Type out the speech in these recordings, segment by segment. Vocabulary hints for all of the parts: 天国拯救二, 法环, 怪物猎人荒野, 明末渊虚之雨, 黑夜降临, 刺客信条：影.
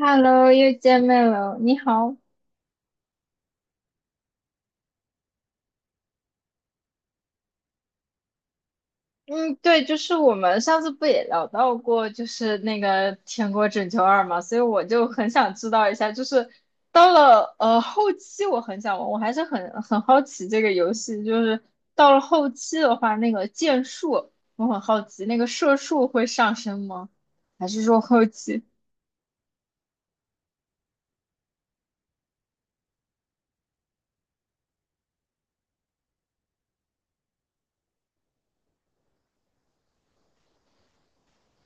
Hello，又见面了，你好。嗯，对，就是我们上次不也聊到过，就是那个《天国拯救二》嘛，所以我就很想知道一下，就是到了后期，我很想玩，我还是很好奇这个游戏，就是到了后期的话，那个剑术，我很好奇，那个射术会上升吗？还是说后期？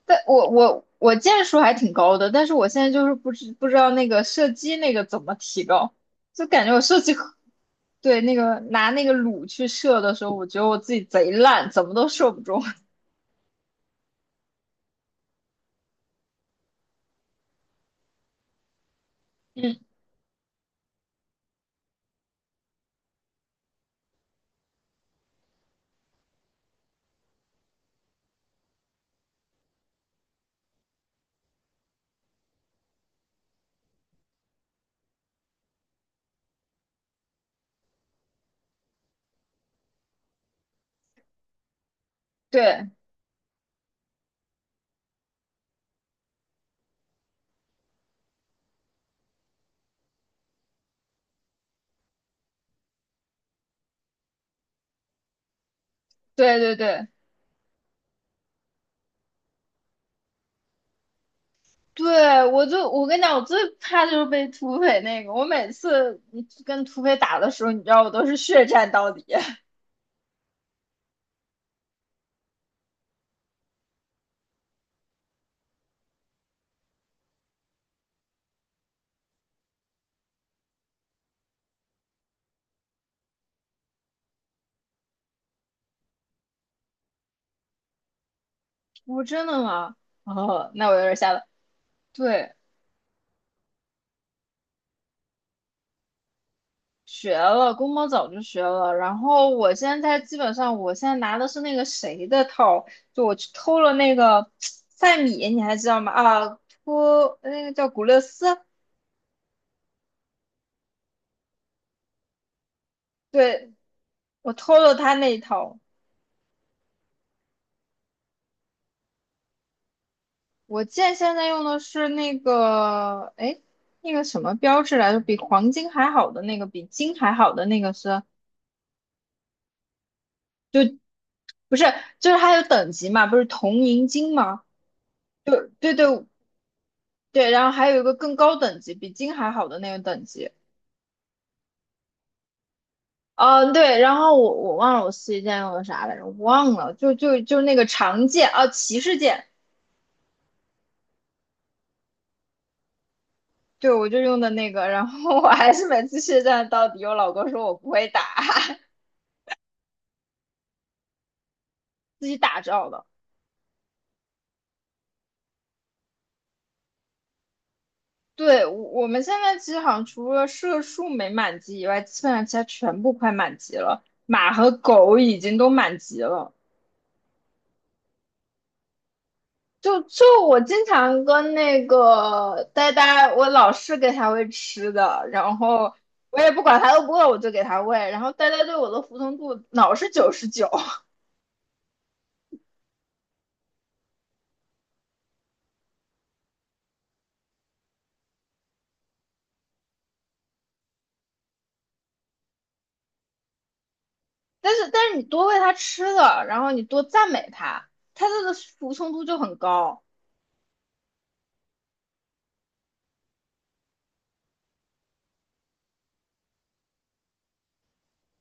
但我箭树还挺高的，但是我现在就是不知道那个射击那个怎么提高，就感觉我射击对那个拿那个弩去射的时候，我觉得我自己贼烂，怎么都射不中。嗯，对对对对对，我就我跟你讲，我最怕就是被土匪那个。我每次你跟土匪打的时候，你知道我都是血战到底。我真的吗？哦，那我有点吓到。对。学了，公猫早就学了。然后我现在基本上，我现在拿的是那个谁的套，就我去偷了那个 赛米，你还知道吗？啊，托那个叫古勒斯，对，我偷了他那一套。我剑现在用的是那个，哎，那个什么标志来着？比黄金还好的那个，比金还好的那个是，就不是，就是还有等级嘛，不是铜银金吗？就对对对，然后还有一个更高等级，比金还好的那个等级。嗯，对，然后我我忘了我四级剑用的啥来着，我忘了，就那个长剑啊，骑士剑，对，我就用的那个，然后我还是每次血战到底，我老公说我不会打，自己打造的。对，我们现在其实好像除了射术没满级以外，基本上其他全部快满级了，马和狗已经都满级了。就我经常跟那个呆呆，我老是给他喂吃的，然后我也不管他饿不饿，我就给他喂。然后呆呆对我的服从度老是99，但是但是你多喂他吃的，然后你多赞美他，他的服从度就很高。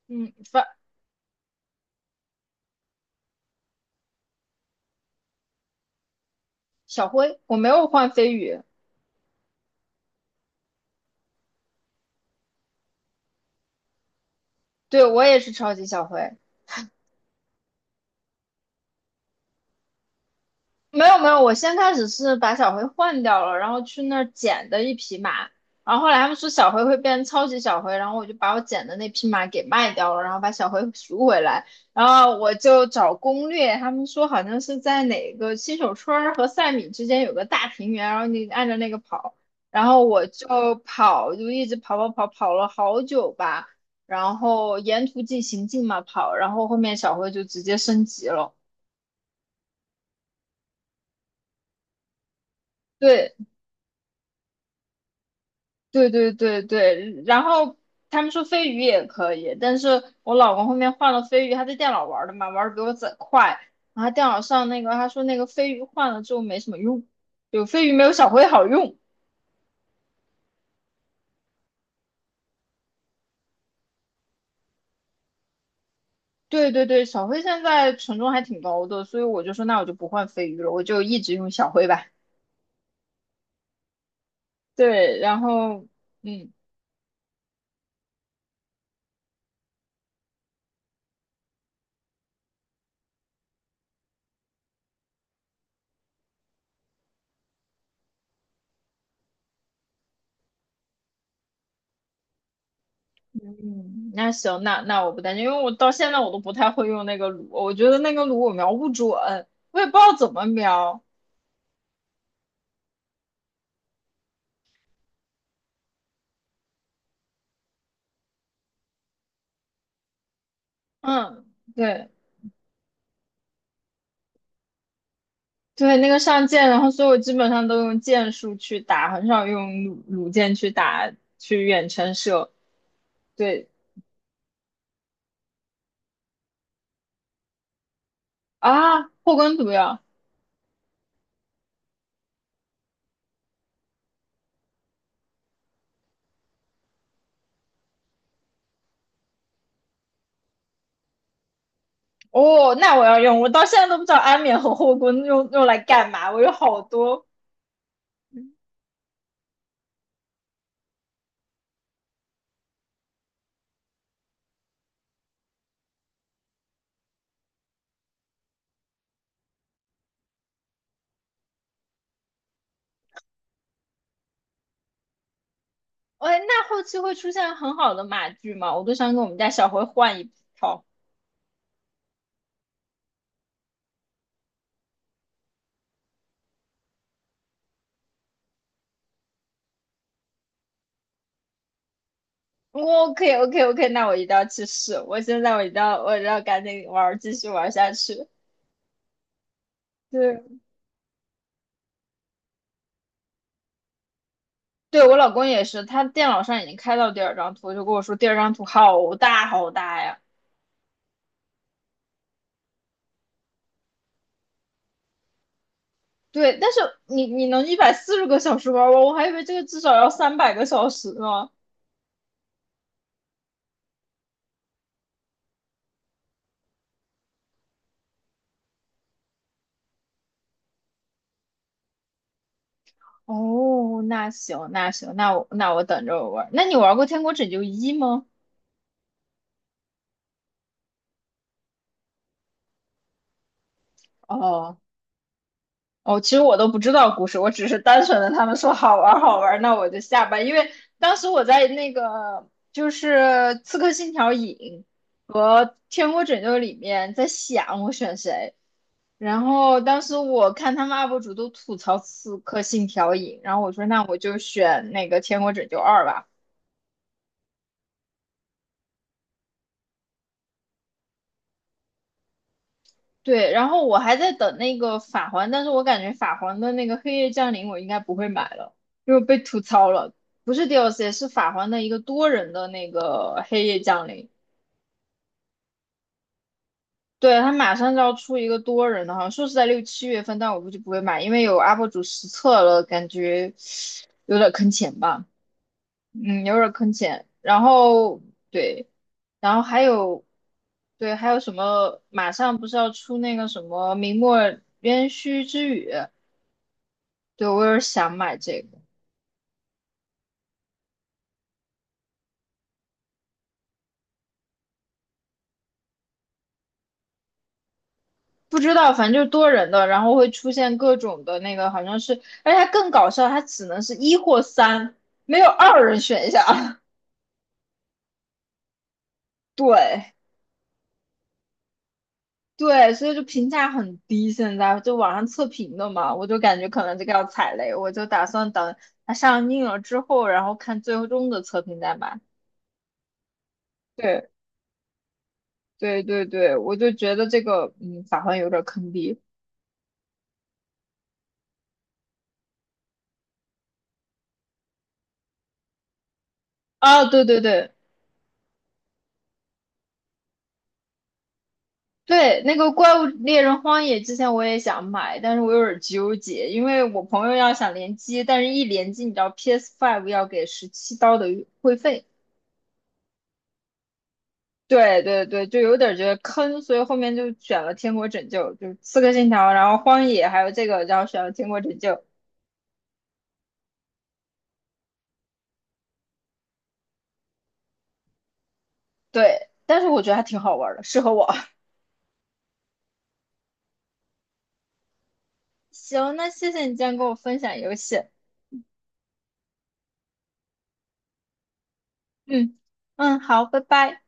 嗯，小灰，我没有换飞鱼，对我也是超级小灰。没有没有，我先开始是把小灰换掉了，然后去那儿捡的一匹马，然后后来他们说小灰会变超级小灰，然后我就把我捡的那匹马给卖掉了，然后把小灰赎回来，然后我就找攻略，他们说好像是在哪个新手村儿和赛米之间有个大平原，然后你按照那个跑，然后我就跑，就一直跑跑跑跑了好久吧，然后沿途进行进嘛跑，然后后面小灰就直接升级了，对。对对对对，然后他们说飞鱼也可以，但是我老公后面换了飞鱼，他在电脑玩的嘛，玩的比我贼快，然后他电脑上那个他说那个飞鱼换了之后没什么用，有飞鱼没有小灰好用。对对对，小灰现在权重还挺高的，所以我就说那我就不换飞鱼了，我就一直用小灰吧。对，然后嗯嗯，那行，那那我不担心，因为我到现在我都不太会用那个橹，我觉得那个橹我瞄不准，我也不知道怎么瞄。嗯，对。对，那个上剑，然后所以我基本上都用剑术去打，很少用弩箭去打，去远程射。对啊，后宫毒药，哦，那我要用，我到现在都不知道安眠和后宫用来干嘛，我有好多。哎，那后期会出现很好的马具吗？我都想跟我们家小辉换一套。我 OK OK OK,那我一定要去试。我现在我一定要我一定要赶紧玩儿，继续玩儿下去。对，对我老公也是，他电脑上已经开到第二张图，就跟我说第二张图好大好大呀。对，但是你你能140个小时玩完，我还以为这个至少要300个小时呢。哦，那行那行，那我那我等着我玩。那你玩过《天国拯救一》吗？哦，哦，其实我都不知道故事，我只是单纯的他们说好玩儿好玩儿那我就下吧。因为当时我在那个就是《刺客信条：影》和《天国拯救》里面在想我选谁，然后当时我看他们 UP 主都吐槽《刺客信条：影》，然后我说那我就选那个《天国拯救二》吧。对，然后我还在等那个法环，但是我感觉法环的那个黑夜降临我应该不会买了，因为我被吐槽了。不是 DLC,是法环的一个多人的那个黑夜降临。对，他马上就要出一个多人的，好像说是在六七月份，但我估计不会买，因为有 UP 主实测了，感觉有点坑钱吧，嗯，有点坑钱。然后对，然后还有对，还有什么？马上不是要出那个什么明末渊虚之雨？对，我有点想买这个，不知道，反正就是多人的，然后会出现各种的那个，好像是，而且它更搞笑，它只能是一或三，没有二人选项。对对，所以就评价很低，现在就网上测评的嘛，我就感觉可能这个要踩雷，我就打算等它上映了之后，然后看最终的测评再买。对对对对，我就觉得这个，嗯，法环有点坑爹。啊，对对对。对，那个《怪物猎人荒野》之前我也想买，但是我有点纠结，因为我朋友要想联机，但是一联机，你知道 PS5 要给17刀的会费，对对对，就有点觉得坑，所以后面就选了《天国拯救》，就是《刺客信条》，然后《荒野》，还有这个，然后选了《天国拯救》。对，但是我觉得还挺好玩的，适合我。行，那谢谢你今天跟我分享游戏。嗯嗯，好，拜拜。